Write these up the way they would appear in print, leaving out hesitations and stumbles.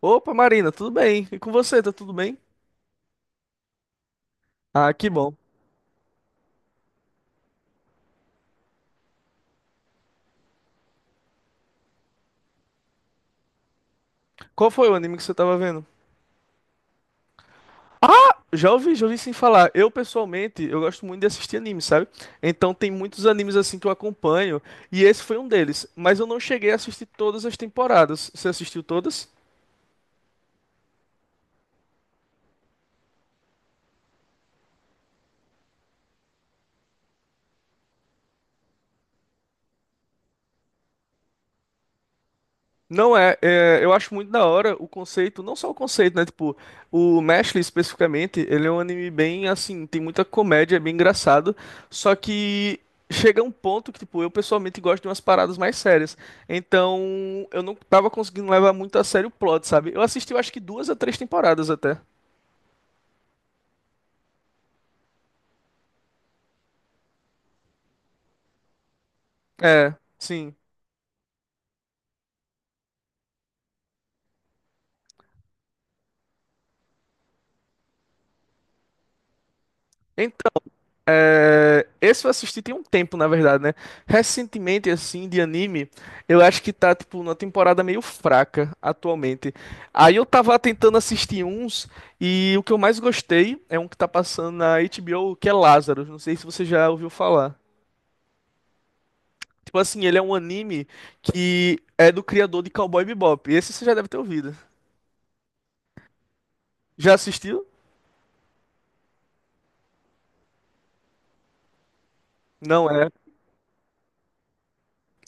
Opa, Marina, tudo bem? E com você, tá tudo bem? Ah, que bom. Qual foi o anime que você tava vendo? Já ouvi sim falar. Eu, pessoalmente, eu gosto muito de assistir anime, sabe? Então tem muitos animes assim que eu acompanho, e esse foi um deles. Mas eu não cheguei a assistir todas as temporadas. Você assistiu todas? Não é, eu acho muito da hora o conceito, não só o conceito, né? Tipo, o Mashle especificamente, ele é um anime bem assim, tem muita comédia, é bem engraçado, só que chega um ponto que, tipo, eu pessoalmente gosto de umas paradas mais sérias. Então, eu não tava conseguindo levar muito a sério o plot, sabe? Eu assisti, eu acho que duas a três temporadas até. É, sim. É, esse eu assisti tem um tempo, na verdade, né? Recentemente, assim, de anime, eu acho que tá, tipo, numa temporada meio fraca atualmente. Aí eu tava tentando assistir uns, e o que eu mais gostei é um que tá passando na HBO, que é Lazarus. Não sei se você já ouviu falar. Tipo assim, ele é um anime que é do criador de Cowboy Bebop. Esse você já deve ter ouvido. Já assistiu? Não, é.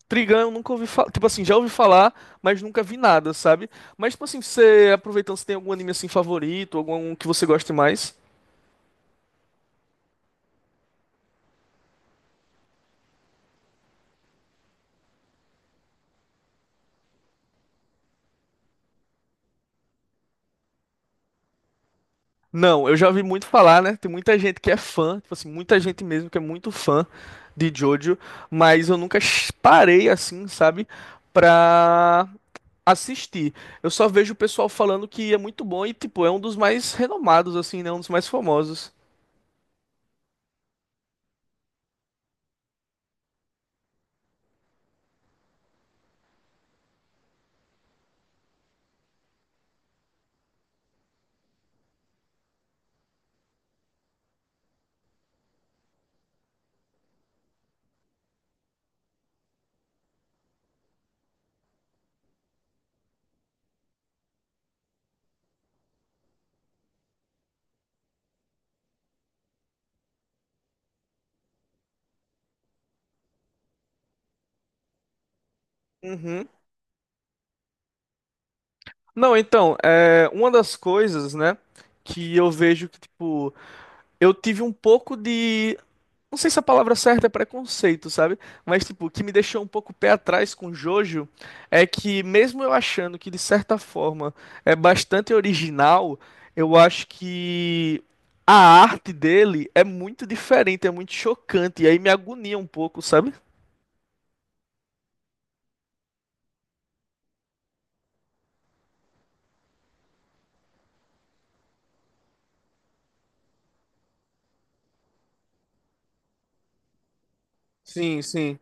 Trigun eu nunca ouvi falar. Tipo assim, já ouvi falar, mas nunca vi nada, sabe? Mas, tipo assim, você aproveitando, você tem algum anime assim favorito, algum que você goste mais? Não, eu já ouvi muito falar, né? Tem muita gente que é fã, tipo assim, muita gente mesmo que é muito fã de Jojo, mas eu nunca parei assim, sabe? Pra assistir. Eu só vejo o pessoal falando que é muito bom e, tipo, é um dos mais renomados, assim, né? Um dos mais famosos. Uhum. Não, então, uma das coisas, né, que eu vejo que, tipo, eu tive um pouco de. Não sei se a palavra certa é preconceito, sabe? Mas, tipo, o que me deixou um pouco pé atrás com Jojo é que, mesmo eu achando que, de certa forma, é bastante original, eu acho que a arte dele é muito diferente, é muito chocante, e aí me agonia um pouco, sabe? Sim, sim.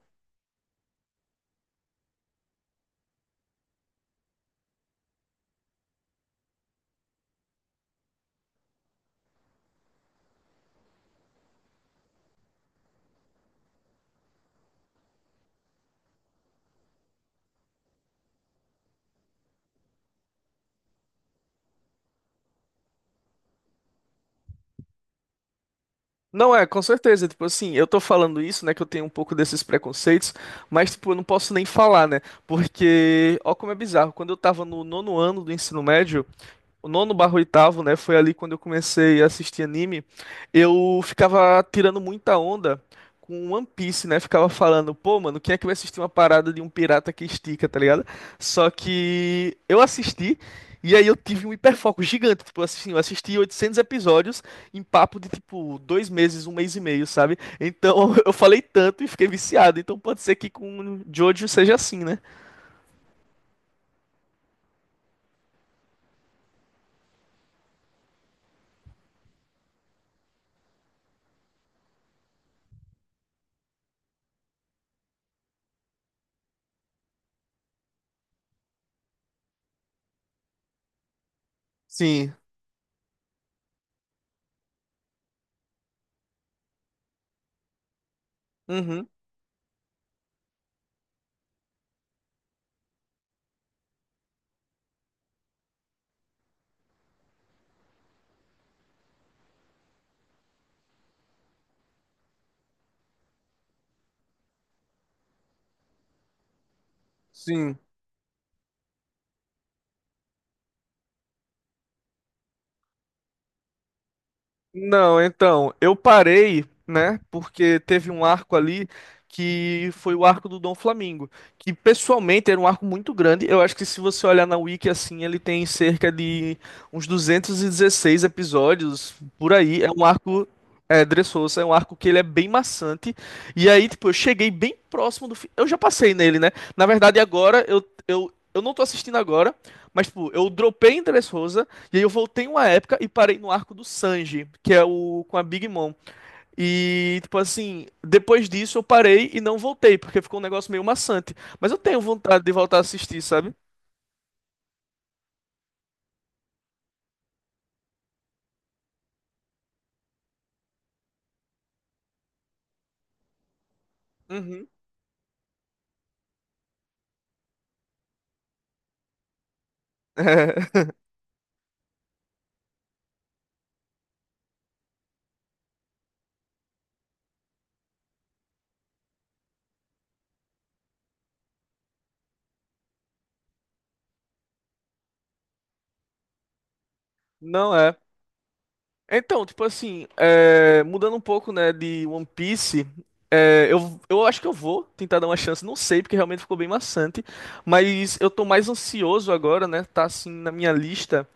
Não é, com certeza. Tipo assim, eu tô falando isso, né? Que eu tenho um pouco desses preconceitos, mas, tipo, eu não posso nem falar, né? Porque, ó, como é bizarro. Quando eu tava no nono ano do ensino médio, o nono barra oitavo, né? Foi ali quando eu comecei a assistir anime. Eu ficava tirando muita onda com One Piece, né? Ficava falando, pô, mano, quem é que vai assistir uma parada de um pirata que estica, tá ligado? Só que eu assisti e aí eu tive um hiperfoco gigante. Tipo, assim, eu assisti 800 episódios em papo de, tipo, 2 meses, um mês e meio, sabe? Então eu falei tanto e fiquei viciado. Então pode ser que com Jojo seja assim, né? Sim. Uhum. Sim. Não, então, eu parei, né? Porque teve um arco ali que foi o arco do Dom Flamingo, que pessoalmente era um arco muito grande. Eu acho que se você olhar na Wiki assim, ele tem cerca de uns 216 episódios por aí. É um arco é, Dressrosa, é um arco que ele é bem maçante. E aí, tipo, eu cheguei bem próximo do fim. Eu já passei nele, né? Na verdade, agora eu não tô assistindo agora, mas tipo, eu dropei em Dressrosa e aí eu voltei uma época e parei no arco do Sanji, que é o com a Big Mom. E, tipo assim, depois disso eu parei e não voltei, porque ficou um negócio meio maçante. Mas eu tenho vontade de voltar a assistir, sabe? Uhum. É. Não é. Então, tipo assim, mudando um pouco, né, de One Piece, eu acho que eu vou tentar dar uma chance, não sei, porque realmente ficou bem maçante, mas eu tô mais ansioso agora, né, tá assim na minha lista,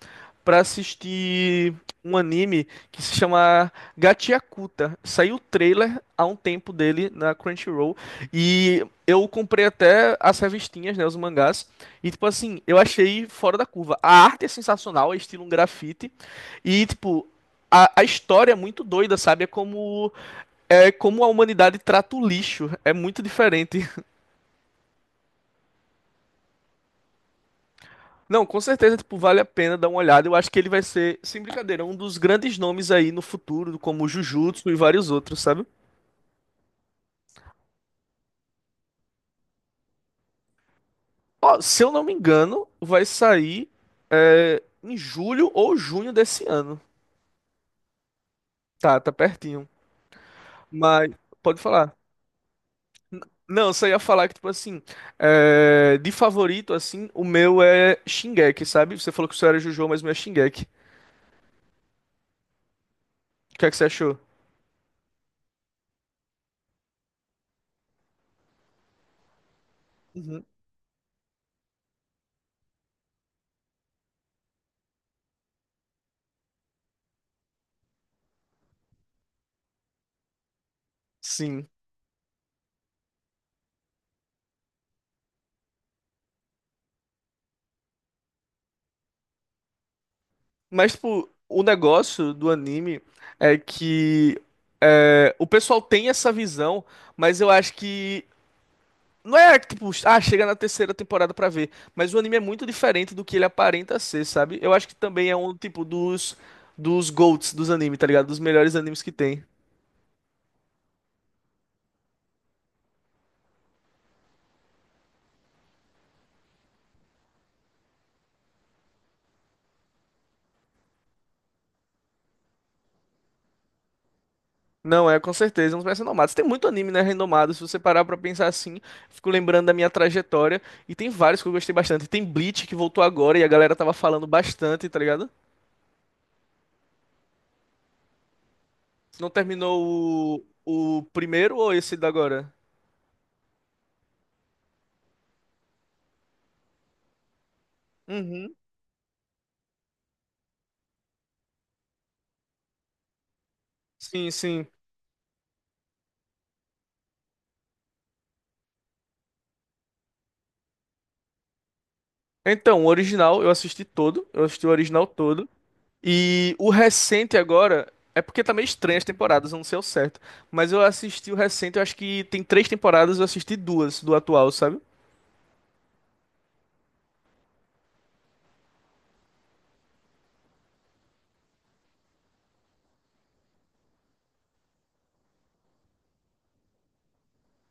pra assistir um anime que se chama Gachiakuta. Saiu o trailer há um tempo dele na Crunchyroll e eu comprei até as revistinhas, né, os mangás. E tipo assim, eu achei fora da curva. A arte é sensacional, é estilo um grafite e tipo a história é muito doida, sabe? É como a humanidade trata o lixo. É muito diferente. Não, com certeza, tipo, vale a pena dar uma olhada. Eu acho que ele vai ser, sem brincadeira, um dos grandes nomes aí no futuro, como Jujutsu e vários outros, sabe? Ó, se eu não me engano, vai sair em julho ou junho desse ano. Tá, tá pertinho. Mas, pode falar. N- Não, eu só ia falar que, tipo assim, de favorito, assim, o meu é Shingeki, sabe? Você falou que o seu era Jojo, mas o meu é Shingeki. O que é que você achou? Uhum. Sim. Mas, tipo, o negócio do anime é que o pessoal tem essa visão, mas eu acho que. Não é tipo, ah, chega na terceira temporada pra ver. Mas o anime é muito diferente do que ele aparenta ser, sabe? Eu acho que também é um tipo dos, GOATs dos animes, tá ligado? Dos melhores animes que tem. Não, é com certeza, é um dos mais renomados. Tem muito anime, né, renomado. Se você parar pra pensar assim, fico lembrando da minha trajetória. E tem vários que eu gostei bastante. Tem Bleach que voltou agora e a galera tava falando bastante, tá ligado? Não terminou o primeiro ou esse da agora? Uhum. Sim, sim. Então, o original eu assisti todo, eu assisti o original todo. E o recente agora, é porque tá meio estranho as temporadas, eu não sei ao certo. Mas eu assisti o recente, eu acho que tem três temporadas, eu assisti duas do atual, sabe?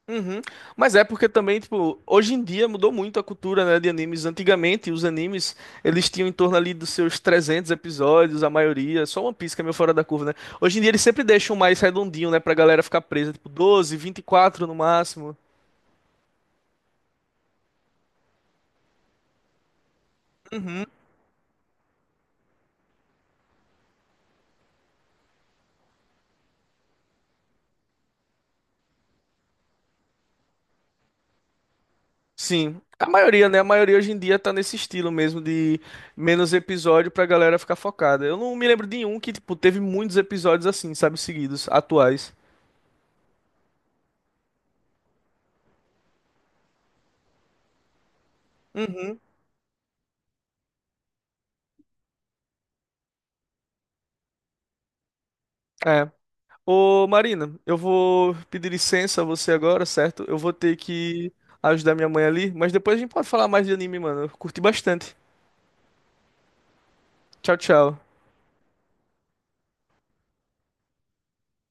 Uhum. Mas é porque também, tipo, hoje em dia mudou muito a cultura, né, de animes. Antigamente, os animes, eles tinham em torno ali dos seus 300 episódios, a maioria, só One Piece que é meio fora da curva, né? Hoje em dia eles sempre deixam mais redondinho, né, pra galera ficar presa, tipo 12, 24 no máximo. Uhum. Sim. A maioria, né? A maioria hoje em dia tá nesse estilo mesmo de menos episódio pra galera ficar focada. Eu não me lembro de um que, tipo, teve muitos episódios assim, sabe, seguidos, atuais. Uhum. É. Ô, Marina, eu vou pedir licença a você agora, certo? Eu vou ter que ajudar minha mãe ali, mas depois a gente pode falar mais de anime, mano. Eu curti bastante. Tchau, tchau.